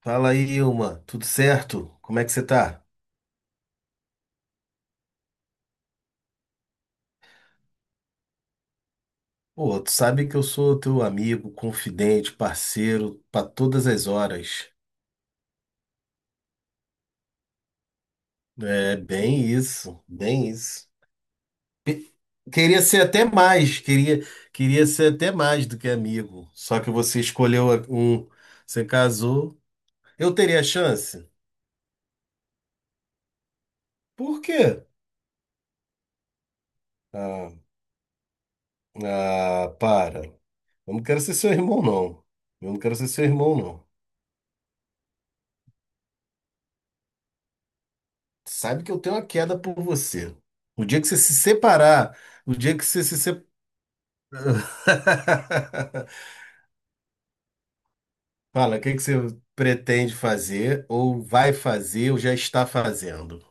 Fala aí, Ilma, tudo certo? Como é que você tá? Pô, tu sabe que eu sou teu amigo, confidente, parceiro para todas as horas. É bem isso, bem isso. Queria ser até mais, queria ser até mais do que amigo. Só que você escolheu um, você casou. Eu teria chance? Por quê? Ah, ah, para. Eu não quero ser seu irmão, não. Eu não quero ser seu irmão, não. Sabe que eu tenho uma queda por você. O dia que você se separar, o dia que você se separar. Fala, o que que você pretende fazer, ou vai fazer, ou já está fazendo?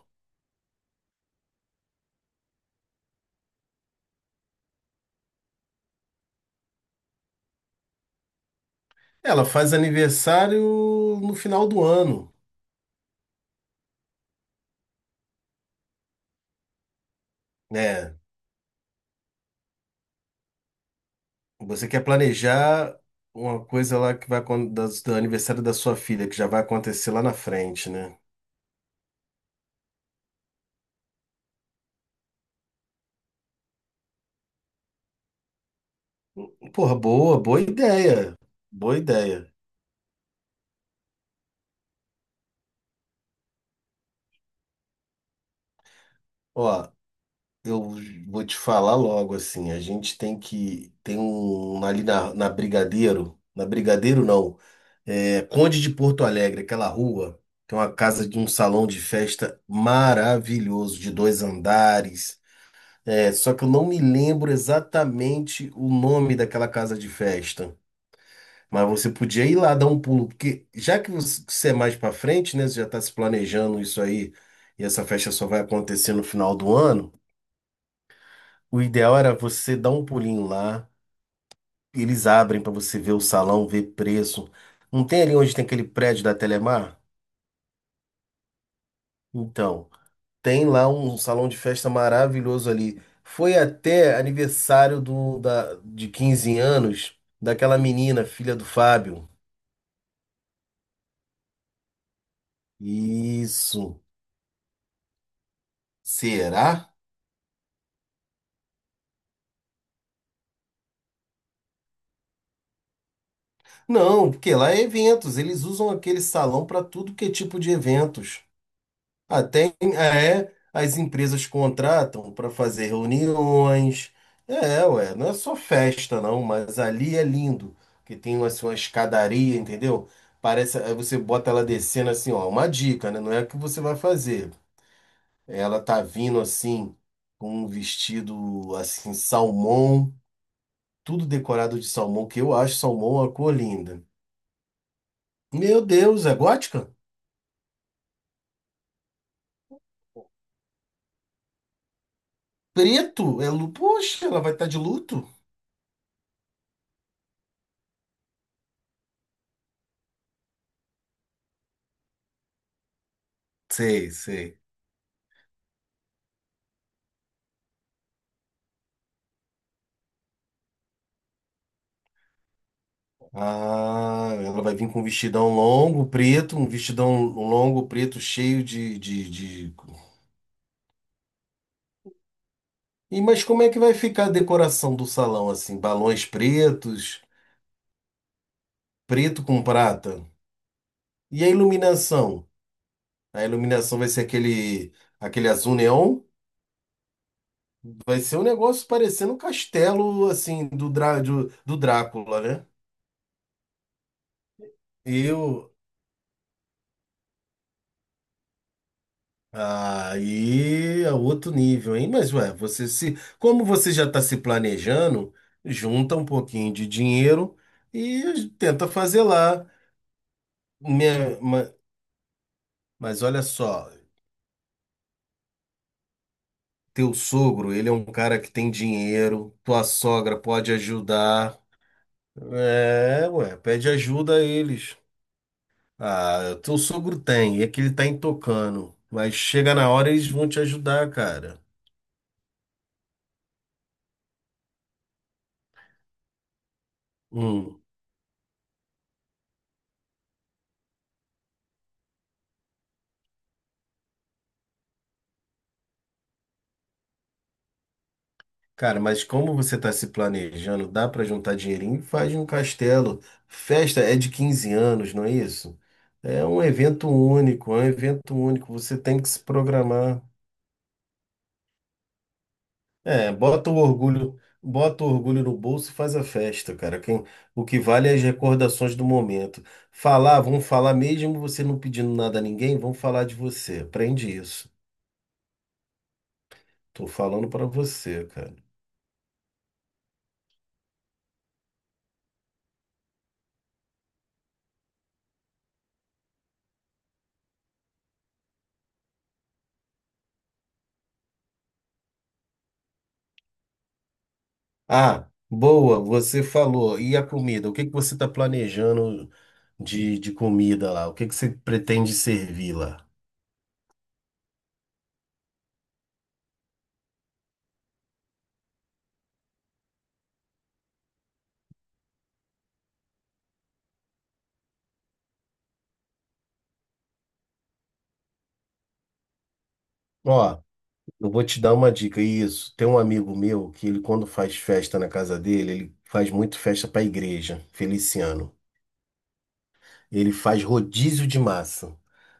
Ela faz aniversário no final do ano, né? Você quer planejar uma coisa lá que vai acon- da do aniversário da sua filha, que já vai acontecer lá na frente, né? Porra, boa, boa ideia. Boa ideia. Ó. Eu vou te falar logo assim, a gente tem um ali na Brigadeiro, na Brigadeiro não, é Conde de Porto Alegre, aquela rua, tem uma casa de um salão de festa maravilhoso de 2 andares. É, só que eu não me lembro exatamente o nome daquela casa de festa, mas você podia ir lá dar um pulo, porque já que você é mais pra frente, né, você já tá se planejando isso aí, e essa festa só vai acontecer no final do ano. O ideal era você dar um pulinho lá, eles abrem para você ver o salão, ver preço. Não tem ali onde tem aquele prédio da Telemar? Então, tem lá um salão de festa maravilhoso ali. Foi até aniversário de 15 anos daquela menina, filha do Fábio. Isso. Será? Não, porque lá é eventos. Eles usam aquele salão para tudo que é tipo de eventos. Ah, tem, é, as empresas contratam para fazer reuniões. É, ué, não é só festa, não, mas ali é lindo, que tem uma, assim, uma escadaria, entendeu? Parece, aí você bota ela descendo assim, ó, uma dica, né? Não é o que você vai fazer. Ela tá vindo assim, com um vestido assim, salmão, tudo decorado de salmão, que eu acho salmão uma cor linda. Meu Deus, é gótica? Preto? É, lu- poxa, ela vai estar de luto? Sei, sei. Ah, ela vai vir com um vestidão longo, preto, um vestidão longo, preto, cheio de... E, mas como é que vai ficar a decoração do salão, assim? Balões pretos, preto com prata. E a iluminação? A iluminação vai ser aquele azul neon? Vai ser um negócio parecendo um castelo, assim, do, Drá- do Drácula, né? Eu, aí é outro nível, hein? Mas, ué, você se, como você já está se planejando, junta um pouquinho de dinheiro e tenta fazer lá. Minha, ma- mas olha só, teu sogro, ele é um cara que tem dinheiro, tua sogra pode ajudar. É, ué, pede ajuda a eles. Ah, teu sogro tem, é que ele tá intocando. Mas chega na hora, eles vão te ajudar, cara. Hum. Cara, mas como você está se planejando, dá para juntar dinheirinho e faz um castelo. Festa é de 15 anos, não é isso? É um evento único, é um evento único. Você tem que se programar. É, bota o orgulho no bolso e faz a festa, cara. Quem, o que vale é as recordações do momento. Falar, vão falar mesmo você não pedindo nada a ninguém, vão falar de você. Aprende isso. Tô falando para você, cara. Ah, boa, você falou. E a comida? O que que você está planejando de comida lá? O que que você pretende servir lá? Ó, eu vou te dar uma dica. Isso, tem um amigo meu que ele, quando faz festa na casa dele, ele faz muito festa para a igreja, Feliciano. Ele faz rodízio de massa.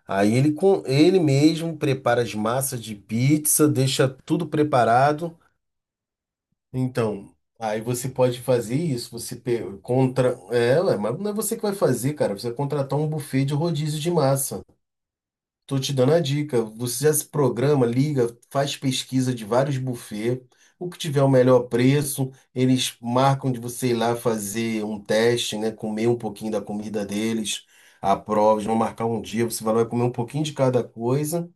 Aí ele, com, ele mesmo prepara as massas de pizza, deixa tudo preparado. Então, aí você pode fazer isso, você pe- contra ela, mas não é você que vai fazer, cara, você vai contratar um buffet de rodízio de massa. Tô te dando a dica. Você já se programa, liga, faz pesquisa de vários buffets. O que tiver o melhor preço, eles marcam de você ir lá fazer um teste, né? Comer um pouquinho da comida deles, a prova, eles vão marcar um dia, você vai lá comer um pouquinho de cada coisa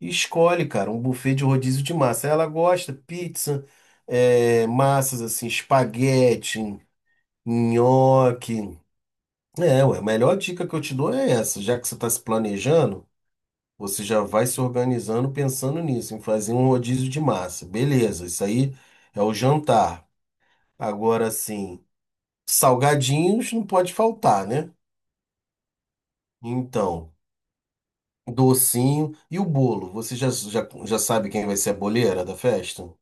e escolhe, cara, um buffet de rodízio de massa. Ela gosta pizza, é, massas assim, espaguete, nhoque. É, ué, a melhor dica que eu te dou é essa, já que você está se planejando. Você já vai se organizando pensando nisso, em fazer um rodízio de massa. Beleza, isso aí é o jantar. Agora sim, salgadinhos não pode faltar, né? Então, docinho e o bolo. Você já sabe quem vai ser a boleira da festa?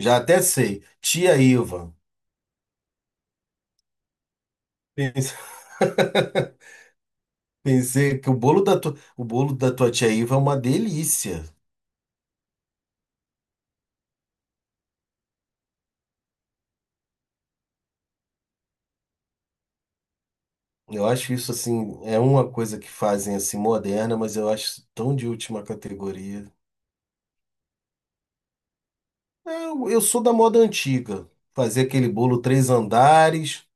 Já até sei. Tia Iva. Pense- Pensei que o bolo da tua, o bolo da tua tia Iva é uma delícia. Eu acho isso assim, é uma coisa que fazem assim moderna, mas eu acho isso tão de última categoria. Eu sou da moda antiga. Fazer aquele bolo 3 andares,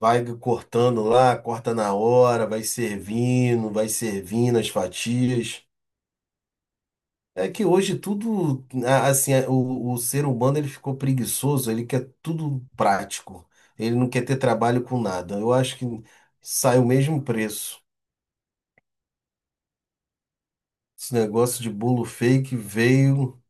vai cortando lá, corta na hora, vai servindo as fatias. É que hoje tudo, a- assim, a- o ser humano ele ficou preguiçoso, ele quer tudo prático. Ele não quer ter trabalho com nada. Eu acho que sai o mesmo preço. Esse negócio de bolo fake veio.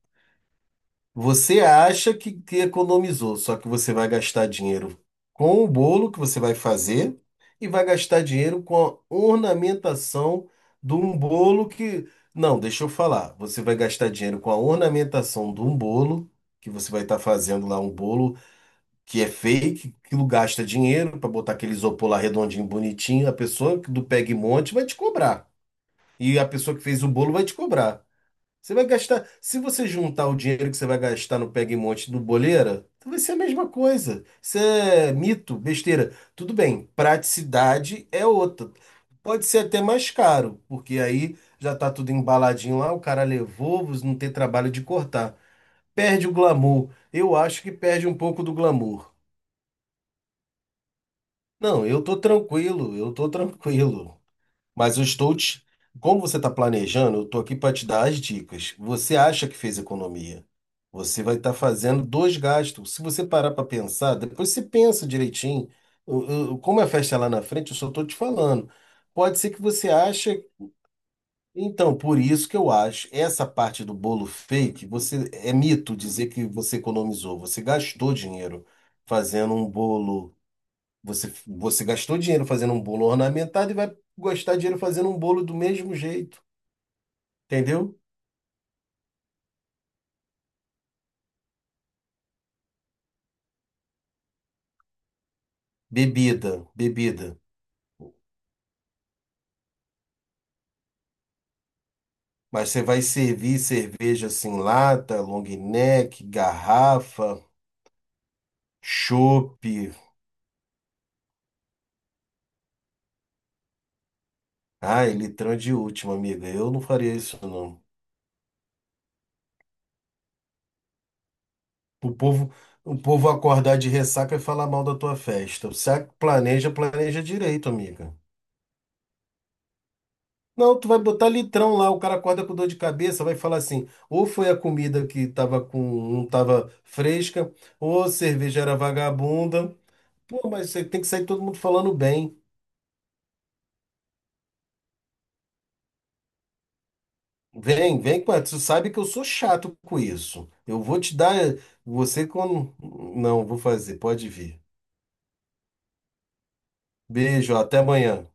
Você acha que economizou, só que você vai gastar dinheiro com o bolo que você vai fazer e vai gastar dinheiro com a ornamentação de um bolo que. Não, deixa eu falar. Você vai gastar dinheiro com a ornamentação de um bolo, que você vai estar fazendo lá um bolo que é fake, que gasta dinheiro para botar aquele isopor lá redondinho, bonitinho. A pessoa do Peg Monte vai te cobrar. E a pessoa que fez o bolo vai te cobrar. Você vai gastar. Se você juntar o dinheiro que você vai gastar no Pega e Monte do Boleira, então vai ser a mesma coisa. Isso é mito, besteira. Tudo bem, praticidade é outra. Pode ser até mais caro, porque aí já tá tudo embaladinho lá, o cara levou, você não tem trabalho de cortar. Perde o glamour. Eu acho que perde um pouco do glamour. Não, eu tô tranquilo, eu tô tranquilo. Mas eu estou te... Como você está planejando, eu estou aqui para te dar as dicas. Você acha que fez economia? Você vai estar fazendo dois gastos. Se você parar para pensar, depois você pensa direitinho. Como a festa é lá na frente, eu só estou te falando. Pode ser que você ache. Então, por isso que eu acho essa parte do bolo fake, você é mito dizer que você economizou. Você gastou dinheiro fazendo um bolo. Você gastou dinheiro fazendo um bolo ornamentado e vai gastar dinheiro fazendo um bolo do mesmo jeito, entendeu? Bebida. Mas você vai servir cerveja assim, lata, long neck, garrafa, chope. Ai, litrão de última, amiga. Eu não faria isso, não. O povo, o povo acordar de ressaca e falar mal da tua festa. Você planeja, planeja direito, amiga. Não, tu vai botar litrão lá, o cara acorda com dor de cabeça, vai falar assim, ou foi a comida que tava com, não tava fresca, ou a cerveja era vagabunda. Pô, mas você tem que sair todo mundo falando bem. Vem, vem com essa. Tu sabe que eu sou chato com isso. Eu vou te dar, você quando... Não, vou fazer, pode vir. Beijo, até amanhã.